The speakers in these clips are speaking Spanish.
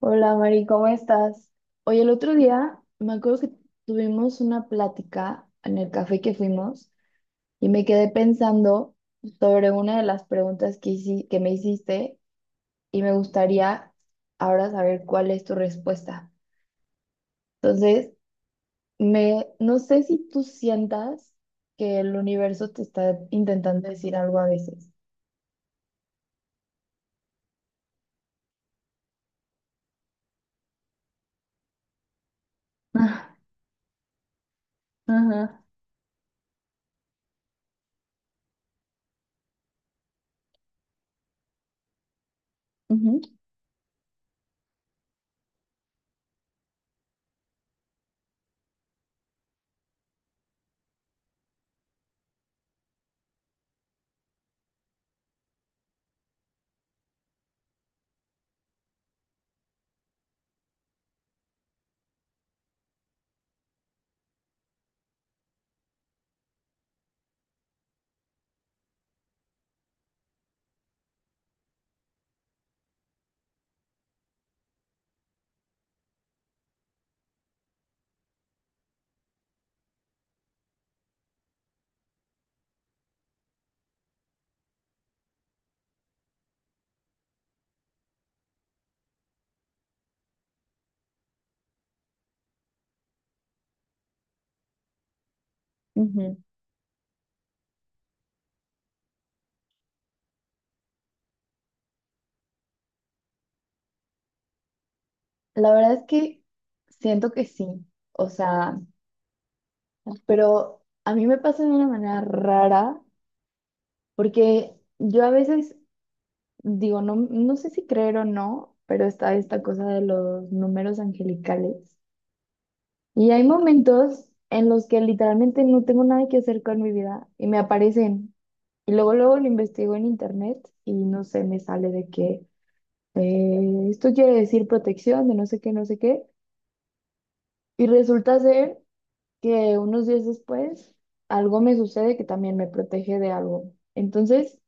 Hola Mari, ¿cómo estás? Oye, el otro día me acuerdo que tuvimos una plática en el café que fuimos y me quedé pensando sobre una de las preguntas que me hiciste y me gustaría ahora saber cuál es tu respuesta. Entonces, no sé si tú sientas que el universo te está intentando decir algo a veces. Ah. Ajá. Ujú, ujú. La verdad es que siento que sí. O sea, pero a mí me pasa de una manera rara, porque yo a veces digo, no, no sé si creer o no, pero está esta cosa de los números angelicales. Y hay momentos en los que literalmente no tengo nada que hacer con mi vida y me aparecen. Y luego, luego lo investigo en internet y no sé, me sale de que esto quiere decir protección, de no sé qué, no sé qué. Y resulta ser que unos días después algo me sucede que también me protege de algo. Entonces,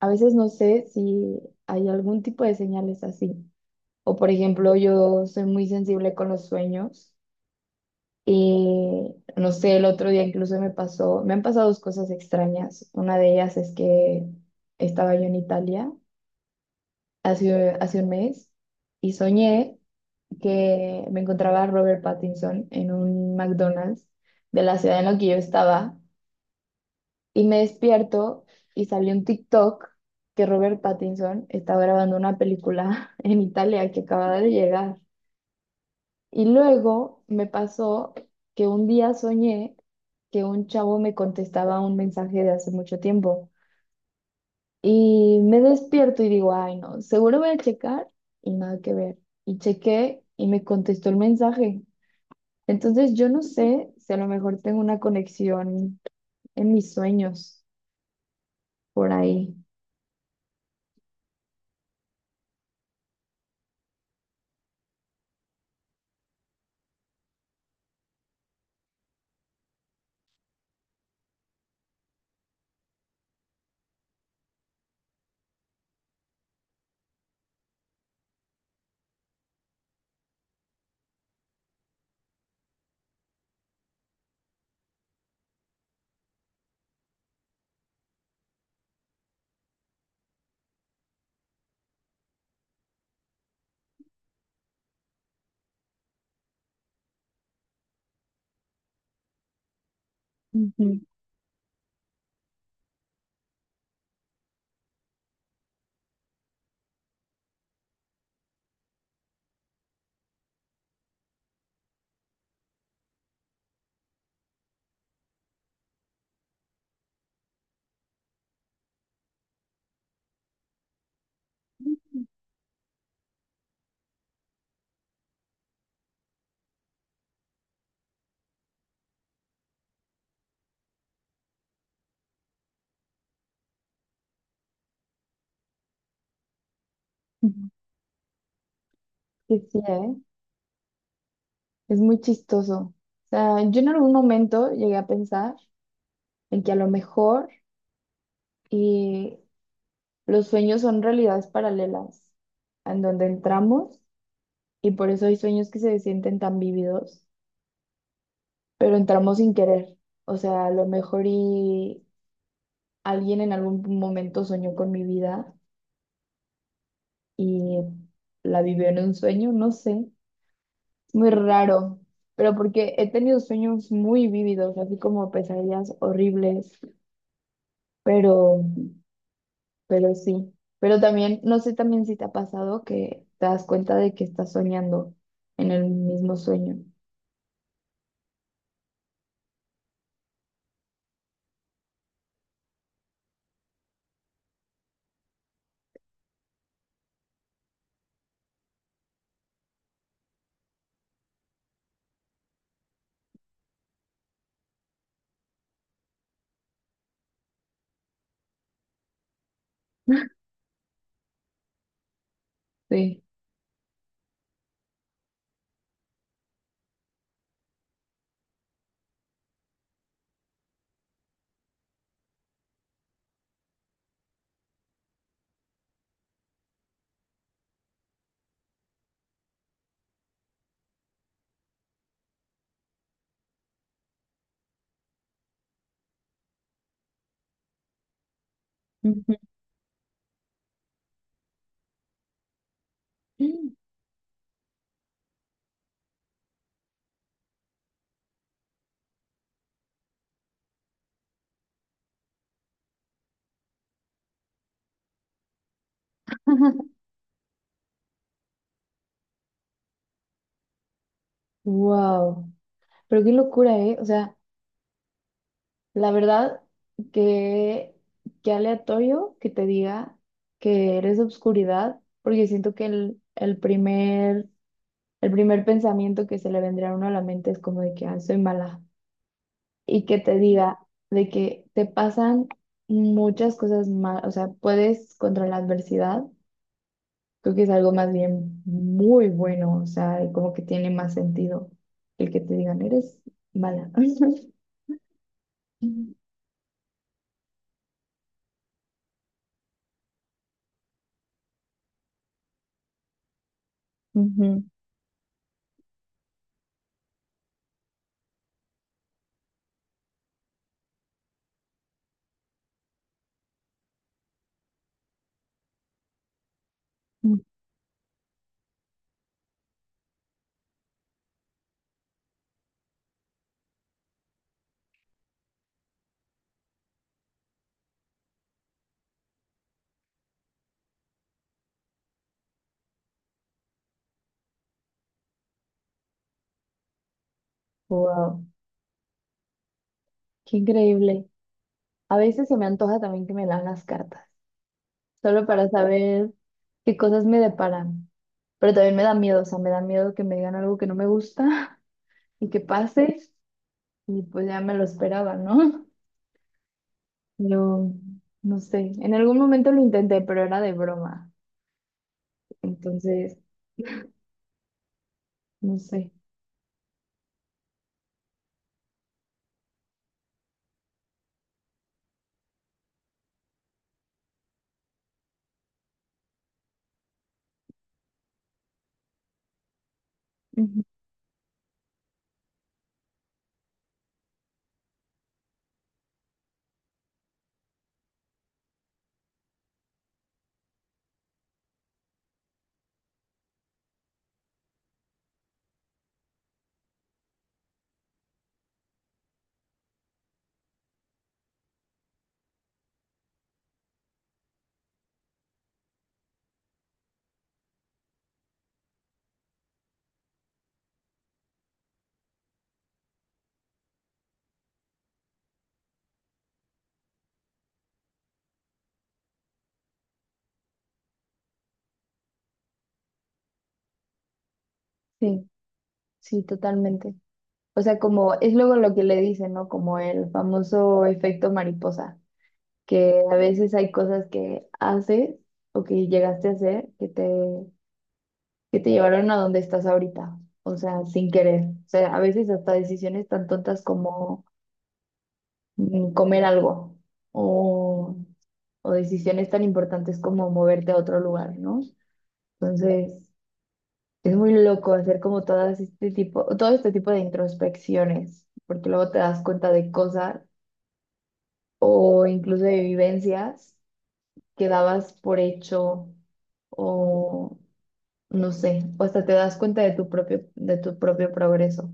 a veces no sé si hay algún tipo de señales así. O por ejemplo, yo soy muy sensible con los sueños y no sé, el otro día incluso me pasó, me han pasado dos cosas extrañas. Una de ellas es que estaba yo en Italia hace un mes y soñé que me encontraba a Robert Pattinson en un McDonald's de la ciudad en la que yo estaba. Y me despierto y salió un TikTok que Robert Pattinson estaba grabando una película en Italia, que acababa de llegar. Y luego me pasó que un día soñé que un chavo me contestaba un mensaje de hace mucho tiempo. Y me despierto y digo, ay no, seguro voy a checar y nada que ver. Y chequé y me contestó el mensaje. Entonces yo no sé si a lo mejor tengo una conexión en mis sueños por ahí. Ujú. Ujú. Sí, sí, ¿eh? Es muy chistoso. O sea, yo en algún momento llegué a pensar en que a lo mejor y los sueños son realidades paralelas en donde entramos y por eso hay sueños que se sienten tan vívidos, pero entramos sin querer. O sea, a lo mejor y alguien en algún momento soñó con mi vida y la vivió en un sueño, no sé. Es muy raro, pero porque he tenido sueños muy vívidos, así como pesadillas horribles. Pero, pero sí, pero también, no sé también si te ha pasado que te das cuenta de que estás soñando en el mismo sueño. Sí. Ujú. Wow. Pero qué locura, ¿eh? O sea, la verdad, que qué aleatorio que te diga que eres obscuridad, porque siento que el primer pensamiento que se le vendría a uno a la mente es como de que, ah, soy mala. Y que te diga de que te pasan muchas cosas más, o sea, puedes contra la adversidad, creo que es algo más bien muy bueno, o sea, y como que tiene más sentido el que te digan, eres mala. Ujú. Wow, qué increíble. A veces se me antoja también que me lean las cartas, solo para saber qué cosas me deparan. Pero también me da miedo, o sea, me da miedo que me digan algo que no me gusta y que pase. Y pues ya me lo esperaba, ¿no? Pero no sé, en algún momento lo intenté, pero era de broma. Entonces, no sé. Ujú. Sí, sí, totalmente. O sea, como es luego lo que le dicen, ¿no? Como el famoso efecto mariposa, que a veces hay cosas que haces o que llegaste a hacer que te llevaron a donde estás ahorita. O sea, sin querer. O sea, a veces hasta decisiones tan tontas como comer algo o o decisiones tan importantes como moverte a otro lugar, ¿no? Entonces, es muy loco hacer como todas todo este tipo de introspecciones, porque luego te das cuenta de cosas o incluso de vivencias que dabas por hecho o no sé, o hasta te das cuenta de de tu propio progreso.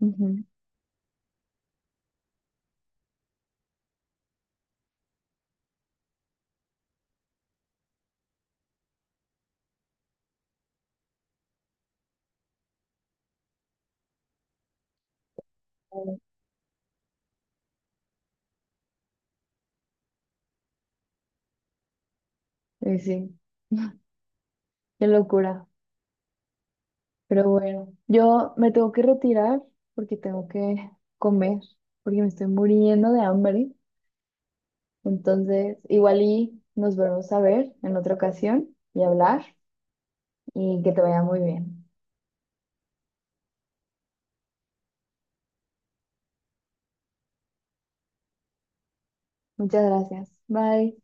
Ujú. Sí, sí, qué locura. Pero bueno, yo me tengo que retirar porque tengo que comer, porque me estoy muriendo de hambre. Entonces, igual y nos volvemos a ver en otra ocasión y hablar y que te vaya muy bien. Muchas gracias. Bye.